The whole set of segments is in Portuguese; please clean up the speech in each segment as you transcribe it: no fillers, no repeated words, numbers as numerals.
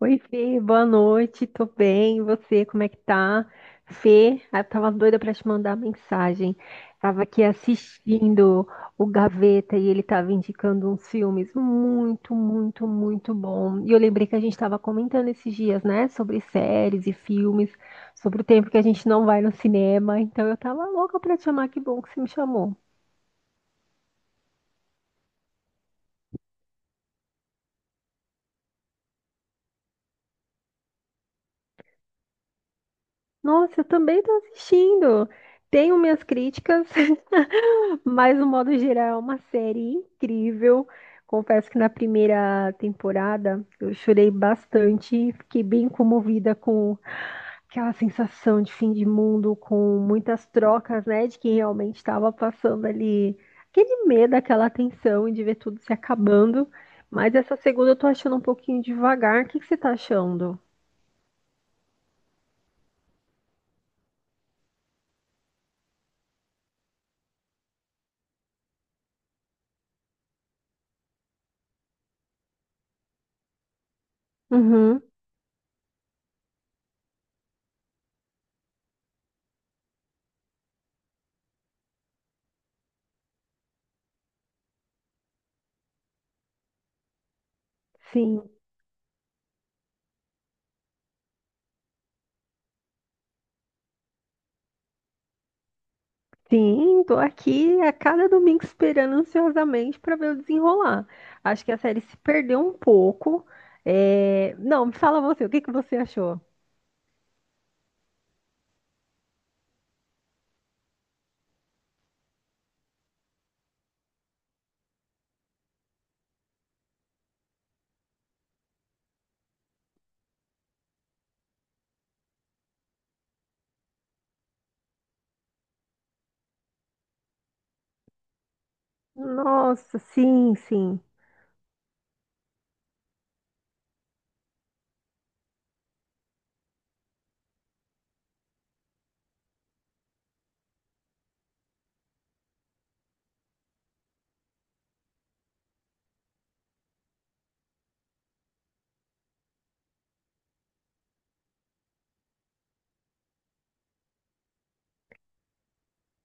Oi, Fê, boa noite, tô bem, e você, como é que tá? Fê, eu tava doida pra te mandar mensagem. Tava aqui assistindo o Gaveta e ele tava indicando uns filmes muito, muito, muito bom. E eu lembrei que a gente tava comentando esses dias, né, sobre séries e filmes, sobre o tempo que a gente não vai no cinema. Então eu tava louca pra te chamar, que bom que você me chamou. Nossa, eu também tô assistindo. Tenho minhas críticas, mas no modo geral é uma série incrível. Confesso que na primeira temporada eu chorei bastante, fiquei bem comovida com aquela sensação de fim de mundo, com muitas trocas, né, de quem realmente estava passando ali, aquele medo, aquela tensão de ver tudo se acabando. Mas essa segunda eu tô achando um pouquinho devagar. O que que você tá achando? Uhum, sim. Sim, tô aqui a cada domingo esperando ansiosamente para ver o desenrolar. Acho que a série se perdeu um pouco. É, não, me fala você, o que que você achou? Nossa, sim, sim.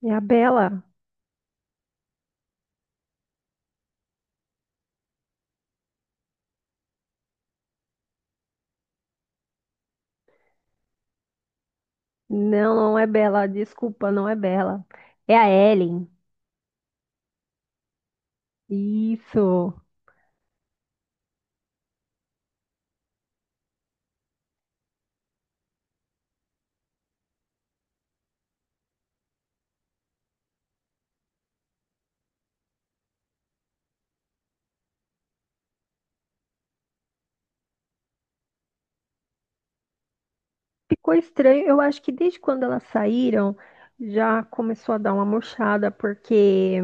É a Bela. Não, não é Bela, desculpa, não é Bela. É a Ellen. Isso. Ficou estranho. Eu acho que desde quando elas saíram, já começou a dar uma murchada, porque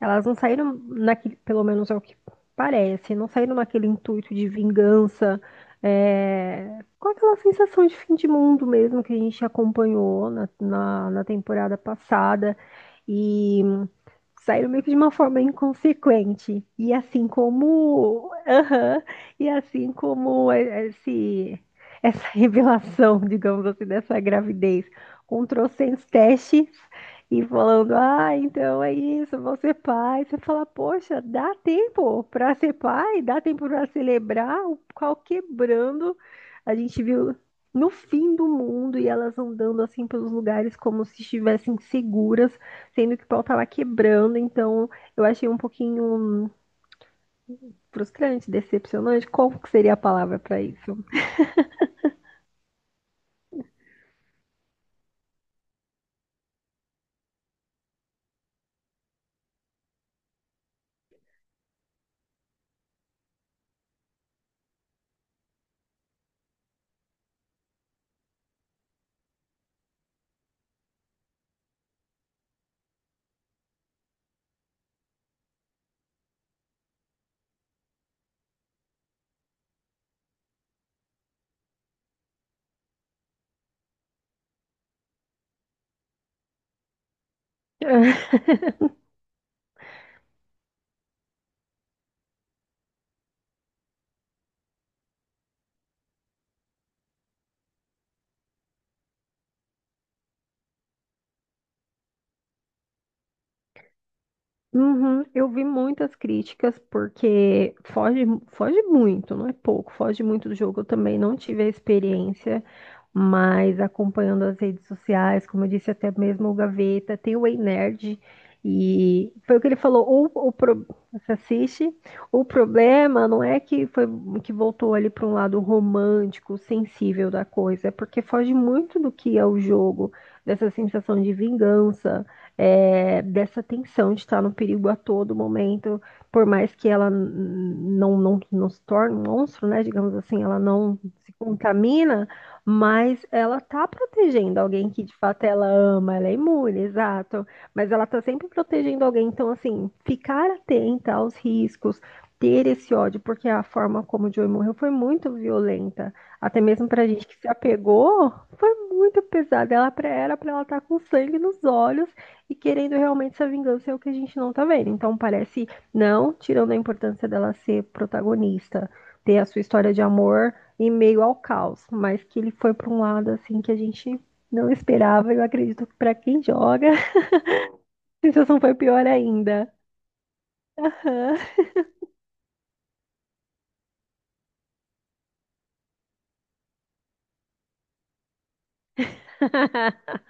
elas não saíram naquele, pelo menos é o que parece, não saíram naquele intuito de vingança, é, com aquela sensação de fim de mundo mesmo que a gente acompanhou na temporada passada. E saíram meio que de uma forma inconsequente. E assim como. Aham. E assim como é essa revelação, digamos assim, dessa gravidez, com trocentos testes e falando: ah, então é isso, vou ser pai. Você fala: poxa, dá tempo para ser pai, dá tempo para celebrar, o pau quebrando. A gente viu no fim do mundo e elas andando assim pelos lugares como se estivessem seguras sendo que o pau tava quebrando, então eu achei um pouquinho frustrante, decepcionante. Qual que seria a palavra para isso? Uhum, eu vi muitas críticas porque foge, foge muito, não é pouco, foge muito do jogo. Eu também não tive a experiência, mas acompanhando as redes sociais, como eu disse, até mesmo o Gaveta, tem o Ei Nerd, e foi o que ele falou, você assiste, o problema não é que foi que voltou ali para um lado romântico, sensível da coisa, é porque foge muito do que é o jogo, dessa sensação de vingança, é, dessa tensão de estar no perigo a todo momento, por mais que ela não se torne um monstro, né? Digamos assim, ela não se contamina, mas ela tá protegendo alguém que de fato ela ama, ela é imune, exato. Mas ela tá sempre protegendo alguém, então assim, ficar atenta aos riscos. Ter esse ódio, porque a forma como o Joey morreu foi muito violenta. Até mesmo pra gente que se apegou, foi muito pesado. Era pra ela estar com sangue nos olhos e querendo realmente essa vingança é o que a gente não tá vendo. Então parece, não tirando a importância dela ser protagonista, ter a sua história de amor em meio ao caos, mas que ele foi pra um lado assim que a gente não esperava. Eu acredito que pra quem joga, a sensação foi pior ainda. Aham.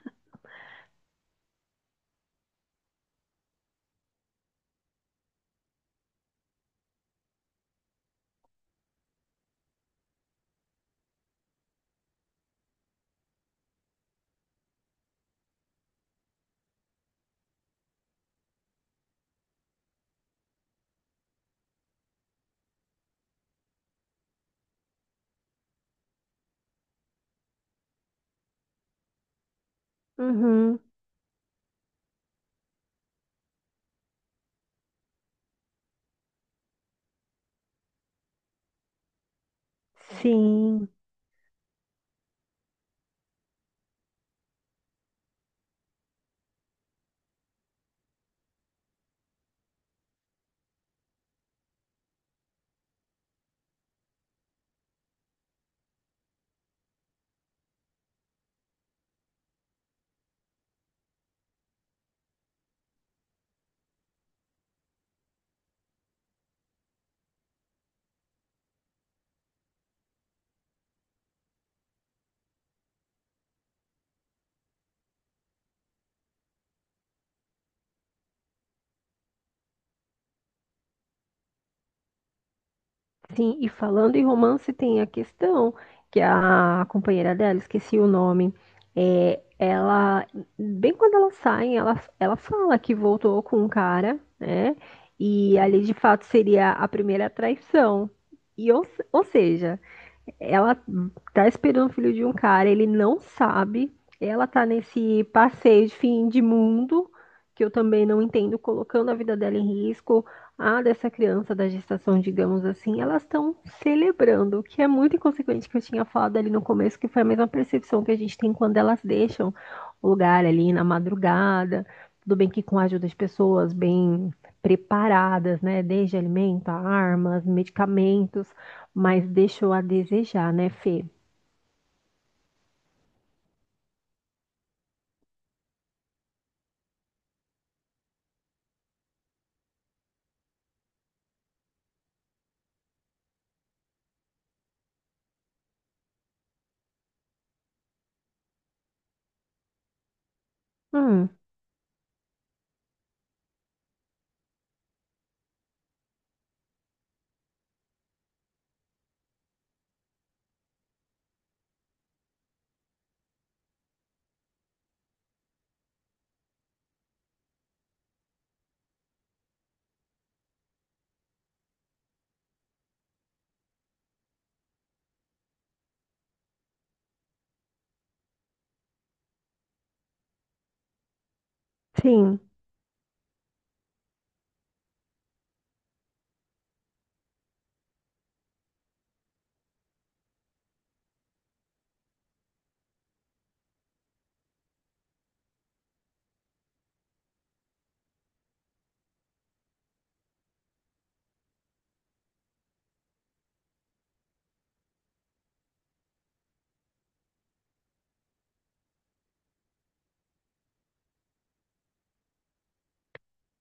Uhum. Sim. Sim, e falando em romance, tem a questão que a companheira dela, esqueci o nome, é, ela, bem quando elas saem, ela fala que voltou com um cara, né? E ali de fato seria a primeira traição. E ou seja, ela tá esperando o filho de um cara, ele não sabe, ela tá nesse passeio de fim de mundo, que eu também não entendo, colocando a vida dela em risco a dessa criança da gestação, digamos assim, elas estão celebrando, o que é muito inconsequente que eu tinha falado ali no começo, que foi a mesma percepção que a gente tem quando elas deixam o lugar ali na madrugada, tudo bem que com a ajuda de pessoas bem preparadas, né, desde alimento, a armas, medicamentos, mas deixou a desejar, né, Fê? Hum, sim.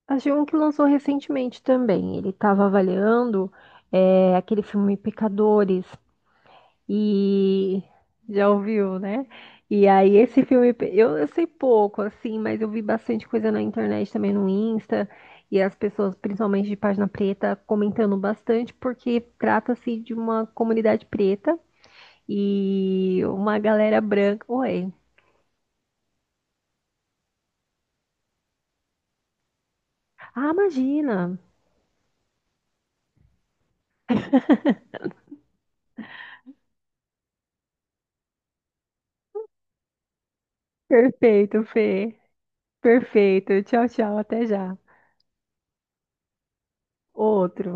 Achei um que lançou recentemente também. Ele estava avaliando é, aquele filme Pecadores. E já ouviu, né? E aí esse filme, eu sei pouco, assim, mas eu vi bastante coisa na internet também no Insta, e as pessoas, principalmente de página preta, comentando bastante, porque trata-se de uma comunidade preta e uma galera branca. Oi. Ah, imagina! Perfeito, Fê. Perfeito. Tchau, tchau, até já. Outro.